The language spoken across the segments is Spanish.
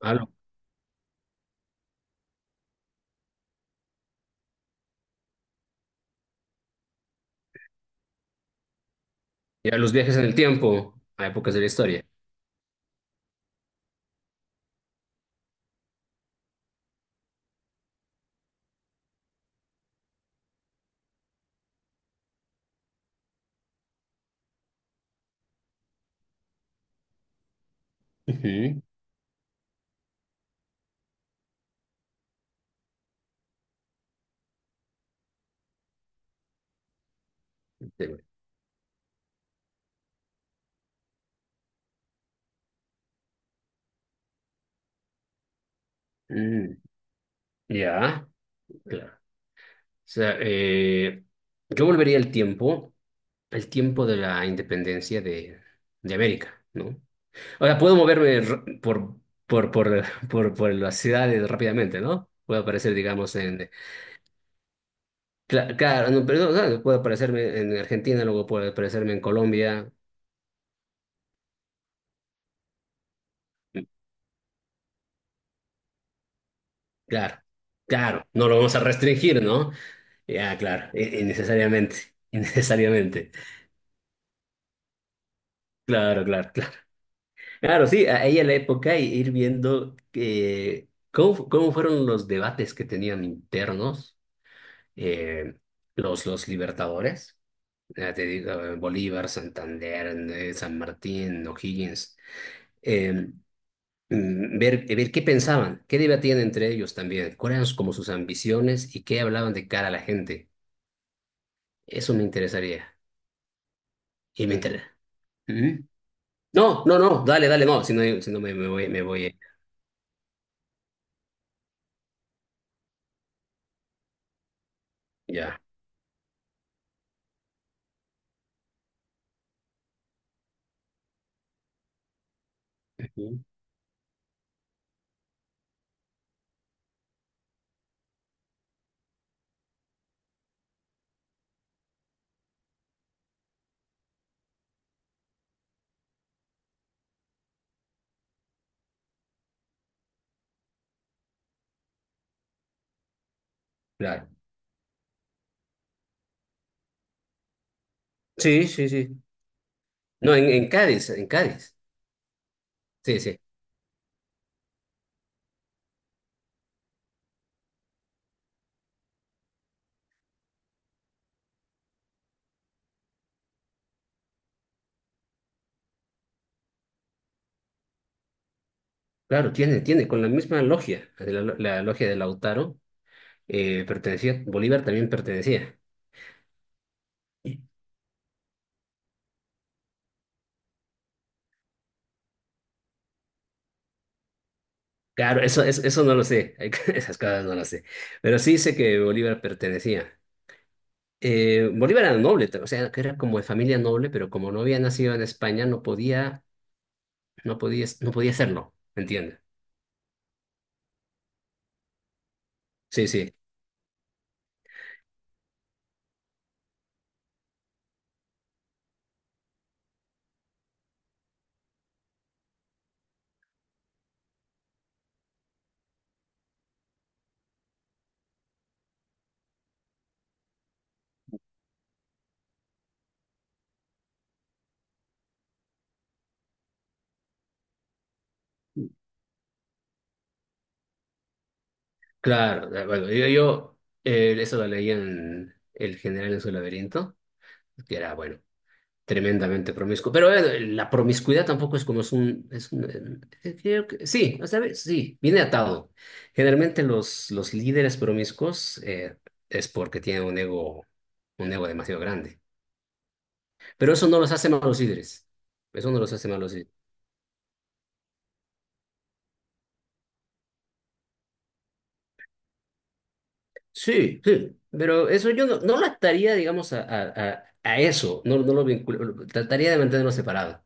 A, lo- y a los viajes en el tiempo, a épocas de la historia. Ujú. Sí, güey. Mm. Ya, claro. O sea, yo volvería al tiempo de la independencia de América, ¿no? O sea, puedo moverme r- por, por, por las ciudades rápidamente, ¿no? Puedo aparecer, digamos, en... Claro, no, perdón, claro, puedo aparecerme en Argentina, luego puedo aparecerme en Colombia. Claro, claro, no lo vamos a restringir, ¿no? Ya, claro, innecesariamente, innecesariamente. Claro. Claro, sí, a ella la época y ir viendo que, cómo, cómo fueron los debates que tenían internos, eh, los libertadores, ya te digo, Bolívar, Santander, San Martín, O'Higgins, eh, ver, ver qué pensaban, qué debatían entre ellos también, cuáles eran como sus ambiciones y qué hablaban de cara a la gente. Eso me interesaría. Y me interesa. Ujú. No, dale, dale, no. Si no, si no me, me voy, me voy. Ya. Ujú. Claro. Sí. No, en Cádiz, en Cádiz. Sí, sí. Claro, tiene, tiene, con la misma logia. La logia de Lautaro pertenecía, Bolívar también pertenecía. Claro, eso no lo sé. Esas cosas no las sé. Pero sí sé que Bolívar pertenecía. Bolívar era noble, o sea, que era como de familia noble, pero como no había nacido en España, no podía. No podía hacerlo, ¿me entiendes? Sí, sí, claro. Bueno, yo eso lo leí en El General en su laberinto, que era, bueno, tremendamente promiscuo. Pero la promiscuidad tampoco es como es un... Es un, creo que, sí, o sea, sí, viene atado. Generalmente los líderes promiscuos es porque tienen un ego demasiado grande. Pero eso no los hace malos líderes. Eso no los hace malos. Sí, sí, pero eso yo no, no lo ataría, digamos, a eso, no, no lo vinculo, trataría de mantenerlo separado.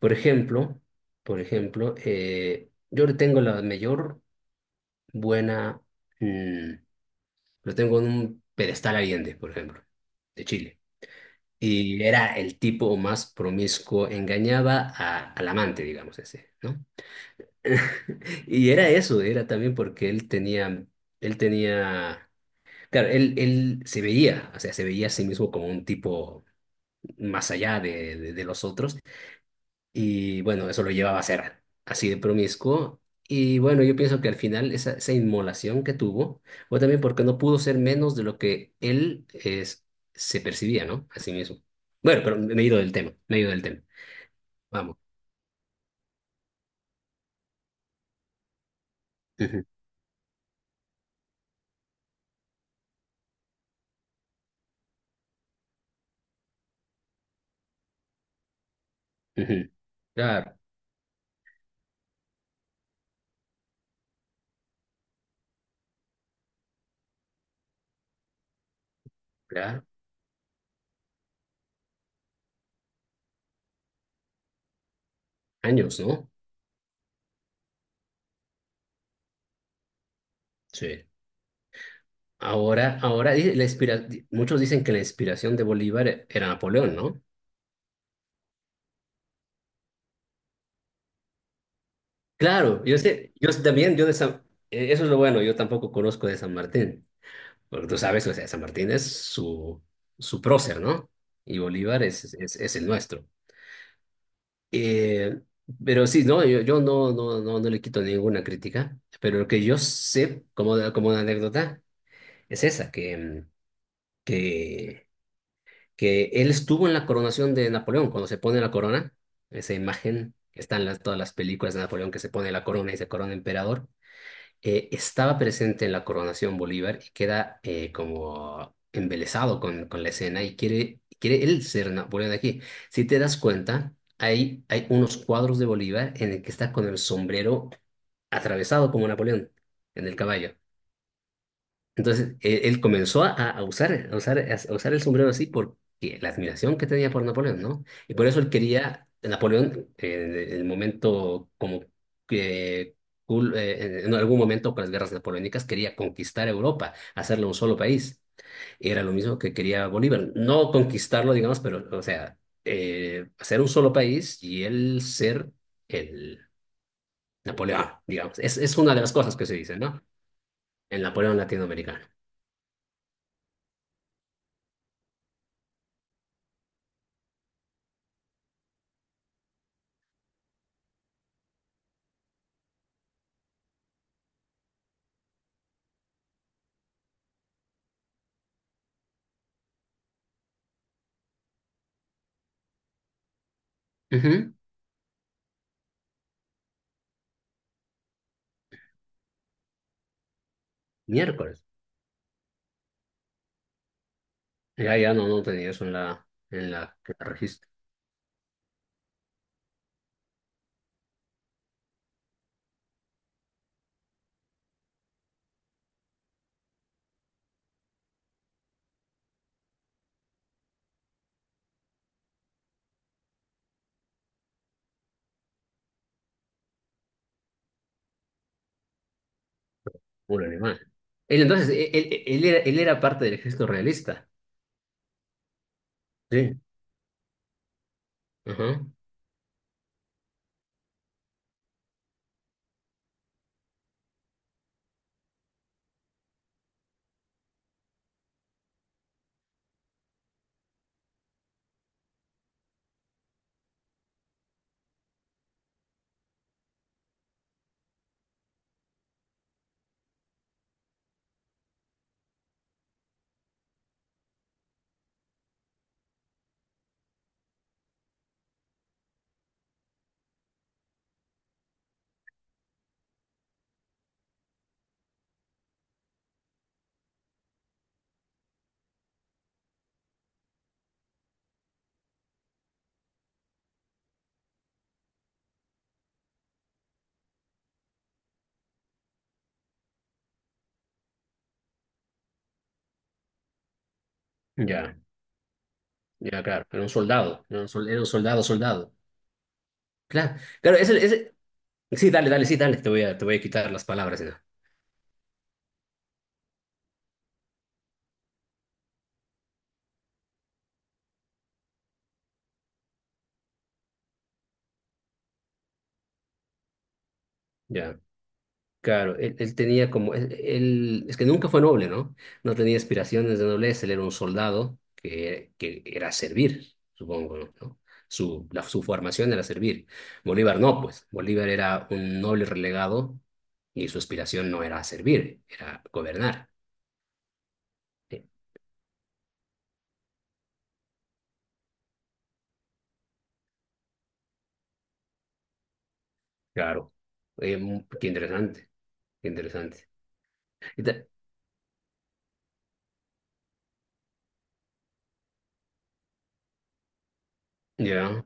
Por ejemplo, por ejemplo, yo le tengo la mayor buena, mm, lo tengo en un pedestal Allende, por ejemplo, de Chile, y era el tipo más promiscuo, engañaba al amante, digamos, ese, ¿no? Y era eso, era también porque él tenía, él tenía. Claro, él se veía, o sea, se veía a sí mismo como un tipo más allá de los otros y bueno, eso lo llevaba a ser así de promiscuo y bueno, yo pienso que al final esa, esa inmolación que tuvo fue también porque no pudo ser menos de lo que él es, se percibía, ¿no? A sí mismo. Bueno, pero me he ido del tema, me he ido del tema. Vamos. Ujú, ujú. Claro, claro. Años, ¿no? Sí. Ahora, ahora, dice, muchos dicen que la inspiración de Bolívar era Napoleón, ¿no? Claro, yo sé, yo también, eso es lo bueno, yo tampoco conozco de San Martín, porque tú sabes, o sea, San Martín es su, su prócer, ¿no? Y Bolívar es el nuestro. Eh, pero sí, no, no le quito ninguna crítica, pero lo que yo sé como, como una anécdota es esa, que, que él estuvo en la coronación de Napoleón, cuando se pone la corona, esa imagen que está en todas las películas de Napoleón que se pone la corona y se corona emperador. Estaba presente en la coronación Bolívar y queda como embelesado con la escena y quiere, quiere él ser Napoleón de aquí. Si te das cuenta, hay unos cuadros de Bolívar en el que está con el sombrero atravesado como Napoleón en el caballo. Entonces, él comenzó a usar el sombrero así porque la admiración que tenía por Napoleón, ¿no? Y por eso él quería, Napoleón, en el momento como que en algún momento con las guerras napoleónicas, quería conquistar Europa, hacerlo un solo país. Era lo mismo que quería Bolívar, no conquistarlo, digamos, pero, o sea, hacer un solo país y él ser el Napoleón, digamos. Es una de las cosas que se dice, ¿no? El Napoleón latinoamericano. Ujú. Miércoles. Ya, ya no, no tenía eso en en la registro. Puro animal. Él entonces, él era parte del ejército realista. Sí. Ajá. Ya, ya, claro. Era un soldado. Era un, era un soldado, soldado. Claro, claro, ese... Sí, dale, dale, sí, dale. Te voy a quitar las palabras. ¿No? Ya. Claro, él tenía como, él, es que nunca fue noble, ¿no? No tenía aspiraciones de nobleza, él era un soldado que era servir, supongo, ¿no? ¿No? Su, su formación era servir. Bolívar no, pues, Bolívar era un noble relegado y su aspiración no era servir, era gobernar. Eh, Claro. Qué interesante, qué interesante. Y ya.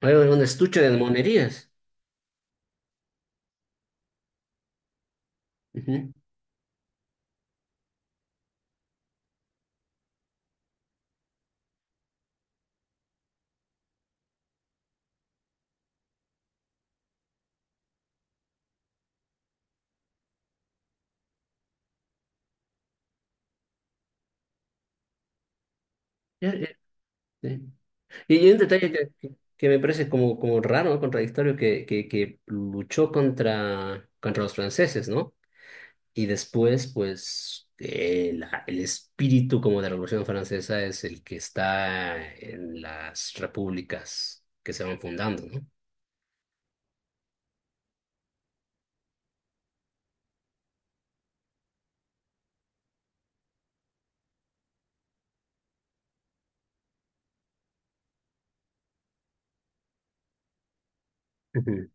Hay un estuche de monerías. Ujú. Ya, ya, sí. Y hay un detalle que, que me parece como, como raro, ¿no? Contradictorio, que luchó contra, contra los franceses, ¿no? Y después, pues, el espíritu como de la Revolución Francesa es el que está en las repúblicas que se van fundando, ¿no? Ujú.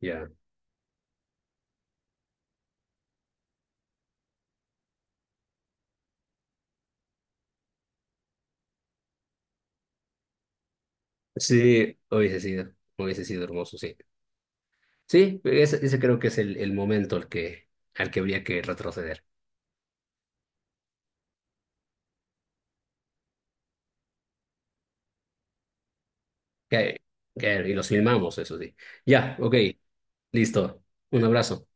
Ya. Sí, hubiese sido hermoso, sí. Sí, ese creo que es el momento al que habría que retroceder. Que- y los filmamos, eso sí. Ya, ok. Listo. Un abrazo.